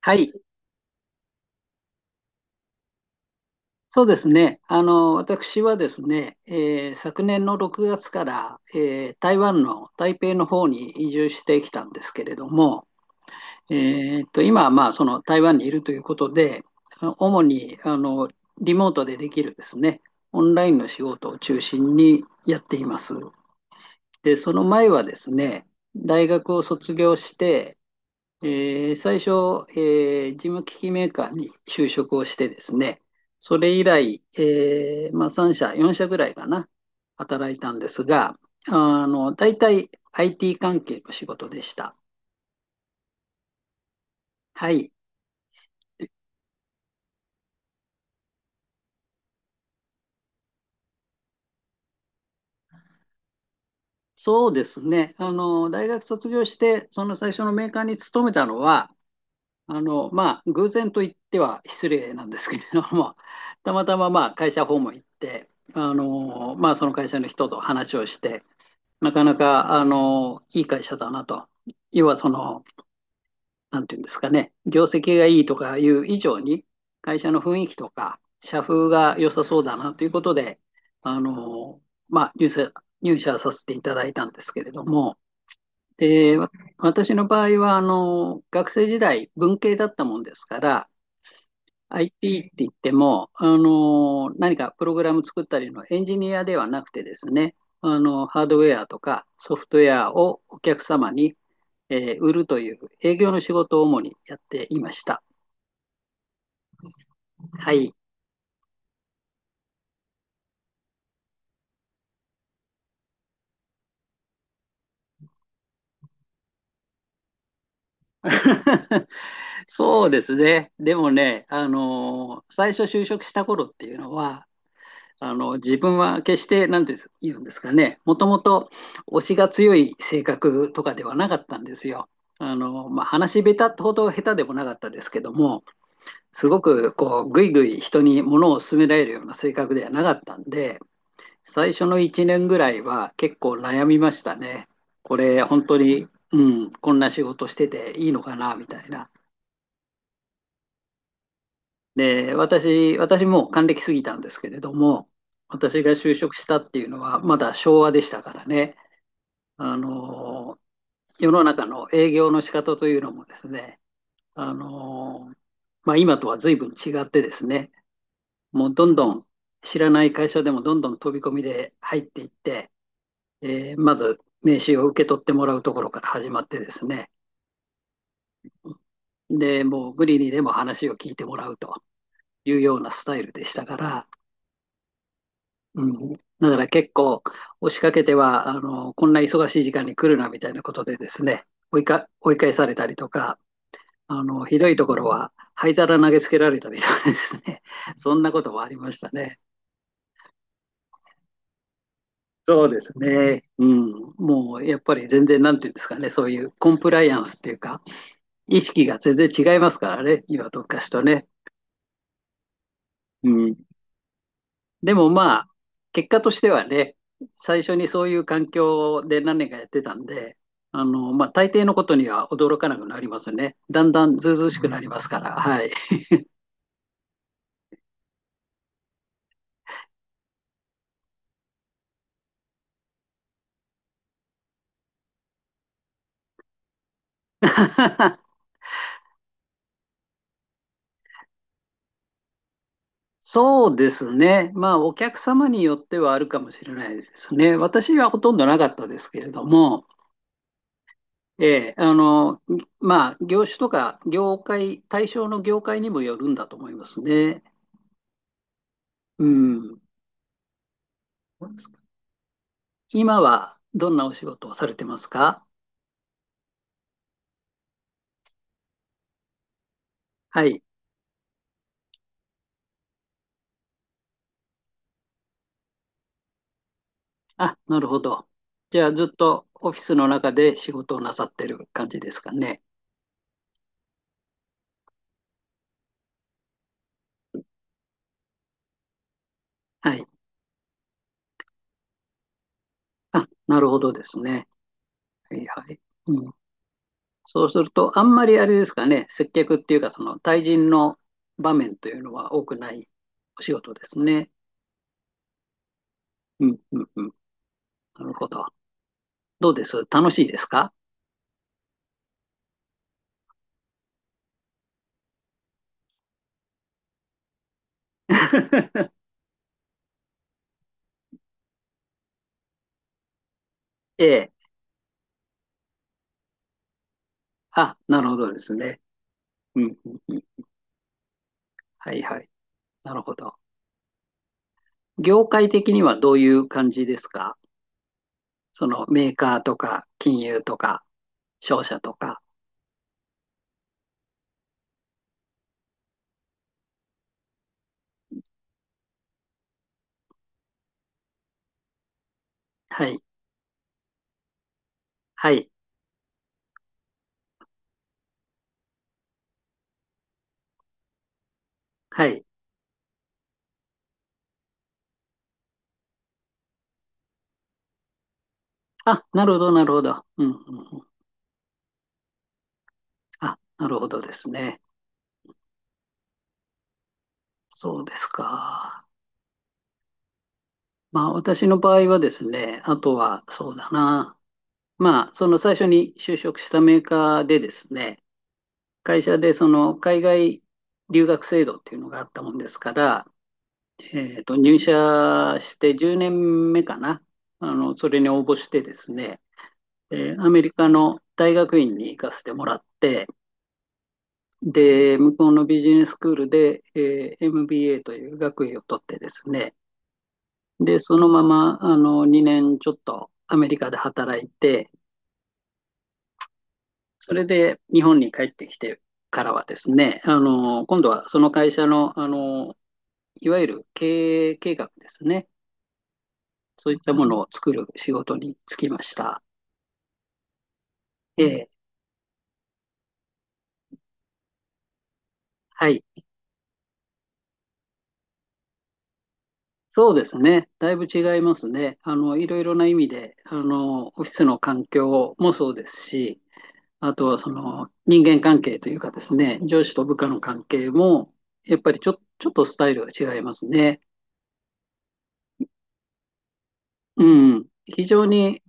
はい、そうですね。私はですね、昨年の6月から、台湾の台北の方に移住してきたんですけれども、え今はまあその台湾にいるということで、主にリモートでできるですね、オンラインの仕事を中心にやっています。で、その前はですね、大学を卒業して、最初、事務機器メーカーに就職をしてですね、それ以来、まあ、3社、4社ぐらいかな、働いたんですが、あの、大体 IT 関係の仕事でした。はい。そうですね。あの、大学卒業して、その最初のメーカーに勤めたのは、あの、まあ、偶然と言っては失礼なんですけれども、たまたま、まあ、会社訪問行って、あの、まあ、その会社の人と話をして、なかなか、あの、いい会社だなと。要はその、なんていうんですかね、業績がいいとかいう以上に、会社の雰囲気とか、社風が良さそうだなということで、あの、まあ、入社させていただいたんですけれども、で、私の場合は、あの、学生時代、文系だったもんですから、IT って言っても、何かプログラム作ったりのエンジニアではなくてですね、あのハードウェアとかソフトウェアをお客様に、売るという営業の仕事を主にやっていました。はい。そうですね。でもね、最初就職した頃っていうのは、あの自分は決して何て言うんですかね、もともと推しが強い性格とかではなかったんですよ。あのまあ、話下手ほど下手でもなかったですけども、すごくこうぐいぐい人に物を勧められるような性格ではなかったんで、最初の1年ぐらいは結構悩みましたね。これ本当に、うん、こんな仕事してていいのかなみたいな。で、私もう還暦過ぎたんですけれども、私が就職したっていうのは、まだ昭和でしたからね、あの、世の中の営業の仕方というのもですね、あの、まあ、今とは随分違ってですね、もうどんどん知らない会社でもどんどん飛び込みで入っていって、まず名刺を受け取ってもらうところから始まってですね、で、もう無理にでも話を聞いてもらうというようなスタイルでしたから、うん、だから結構押しかけては、あのこんな忙しい時間に来るなみたいなことでですね、追い返されたりとか、あのひどいところは灰皿投げつけられたりとかですね そんなこともありましたね。そうですね、うん、もうやっぱり全然なんていうんですかね、そういうコンプライアンスっていうか意識が全然違いますからね、今と昔とね。うん。でもまあ、結果としてはね、最初にそういう環境で何年かやってたんで、あの、まあ、大抵のことには驚かなくなりますね。だんだんずうずうしくなりますから、はい。そうですね。まあ、お客様によってはあるかもしれないですね。私はほとんどなかったですけれども、ええ、あの、まあ、業種とか業界、対象の業界にもよるんだと思いますね。うん。今はどんなお仕事をされてますか？はい。あ、なるほど。じゃあ、ずっとオフィスの中で仕事をなさってる感じですかね。はい。あ、なるほどですね。はいはい。うん。そうすると、あんまりあれですかね、接客っていうか、その対人の場面というのは多くないお仕事ですね。うんうんうん。なるほど。どうです、楽しいですか？ ええ。あ、なるほどですね。うんうんうん。はいはい。なるほど。業界的にはどういう感じですか？そのメーカーとか金融とか。商社とか。はい、はい、はい。あ、なるほど、なるほど。うん、うん、うん。あ、なるほどですね。そうですか。まあ、私の場合はですね、あとは、そうだな。まあ、その最初に就職したメーカーでですね、会社でその海外留学制度っていうのがあったもんですから、えっと、入社して10年目かな。あの、それに応募してですね、アメリカの大学院に行かせてもらって、で、向こうのビジネススクールで、MBA という学位を取ってですね、で、そのままあの2年ちょっとアメリカで働いて、それで日本に帰ってきてからはですね、あの今度はその会社の、あのいわゆる経営計画ですね、そういったものを作る仕事に就きました。えーはい。そうですね。だいぶ違いますね。あの、いろいろな意味で、あの、オフィスの環境もそうですし、あとはその人間関係というかですね、上司と部下の関係も、やっぱりちょっとスタイルが違いますね。うん。非常に、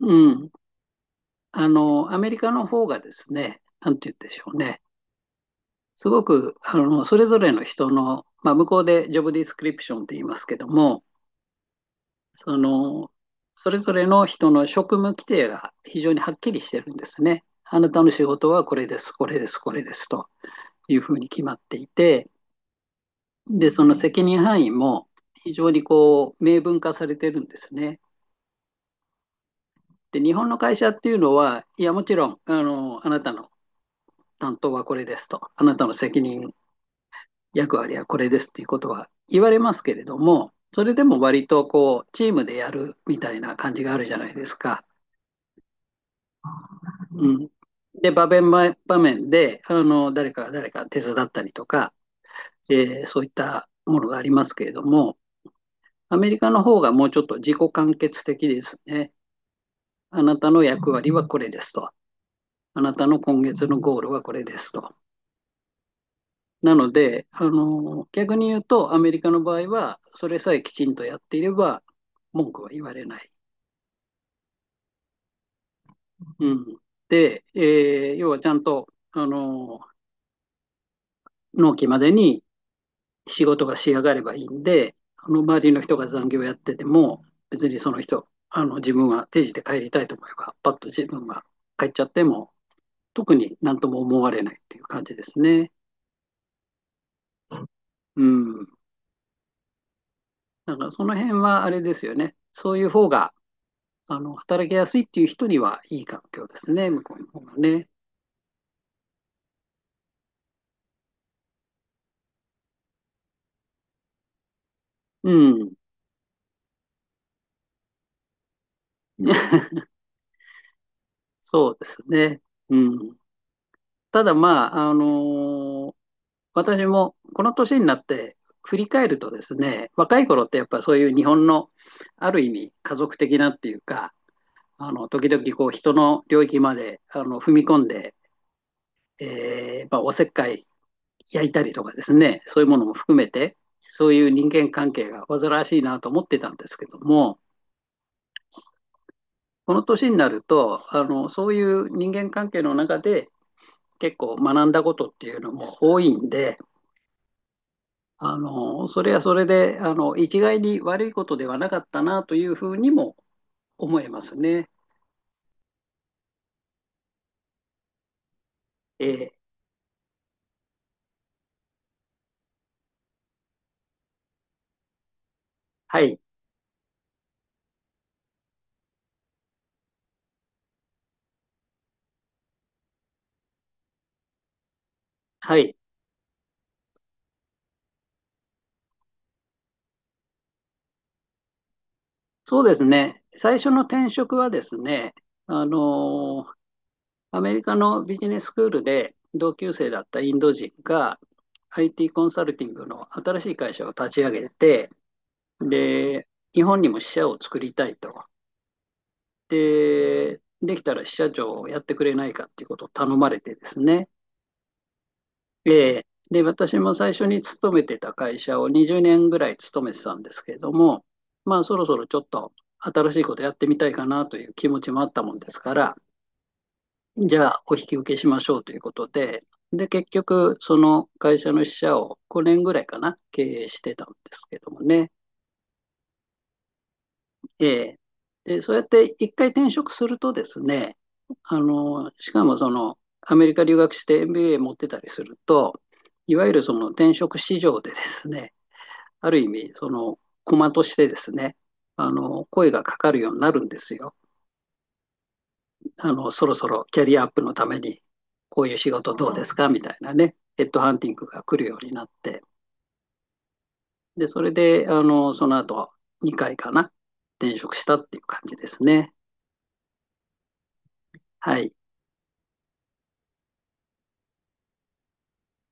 うん。あの、アメリカの方がですね、なんて言うんでしょうね。すごく、あの、それぞれの人の、まあ、向こうでジョブディスクリプションって言いますけども、その、それぞれの人の職務規定が非常にはっきりしてるんですね。あなたの仕事はこれです、これです、これですというふうに決まっていて、で、その責任範囲も非常にこう明文化されてるんですね。で、日本の会社っていうのは、いや、もちろん、あの、あなたの担当はこれですと、あなたの責任、役割はこれですっていうことは言われますけれども、それでも割とこう、チームでやるみたいな感じがあるじゃないですか。うん。で、場面場面で、あの、誰かが誰か手伝ったりとか、そういったものがありますけれども、アメリカの方がもうちょっと自己完結的ですね。あなたの役割はこれですと。あなたの今月のゴールはこれですと。なので、あの、逆に言うと、アメリカの場合は、それさえきちんとやっていれば、文句は言われない。うん。で、要はちゃんと、あの、納期までに仕事が仕上がればいいんで、あの、周りの人が残業やってても、別にその人、あの、自分は定時で帰りたいと思えば、パッと自分が帰っちゃっても、特になんとも思われないっていう感じですね。うん。だからその辺はあれですよね。そういう方が、あの、働きやすいっていう人にはいい環境ですね、向こうの方がね。うん。そうですね。うん。ただまあ、私もこの年になって振り返るとですね、若い頃ってやっぱそういう日本のある意味家族的なっていうか、あの、時々こう人の領域まであの踏み込んで、まあ、おせっかい焼いたりとかですね、そういうものも含めて、そういう人間関係が煩わしいなと思ってたんですけども、この年になると、あのそういう人間関係の中で結構学んだことっていうのも多いんで、あのそれはそれであの一概に悪いことではなかったなというふうにも思えますね。えーはい、はい、そうですね。最初の転職はですね、あのアメリカのビジネススクールで同級生だったインド人が IT コンサルティングの新しい会社を立ち上げて、で、日本にも支社を作りたいと。で、できたら支社長をやってくれないかっていうことを頼まれてですね。で、私も最初に勤めてた会社を20年ぐらい勤めてたんですけれども、まあそろそろちょっと新しいことやってみたいかなという気持ちもあったもんですから、じゃあ、お引き受けしましょうということで、で、結局、その会社の支社を5年ぐらいかな、経営してたんですけどもね。えーで、そうやって一回転職するとですね、あの、しかもその、アメリカ留学して MBA 持ってたりすると、いわゆるその転職市場でですね、ある意味、その、駒としてですね、あの、声がかかるようになるんですよ。あの、そろそろキャリアアップのために、こういう仕事どうですかみたいなね、ヘッドハンティングが来るようになって、で、それで、あの、その後、2回かな、転職したっていう感じですね。はい。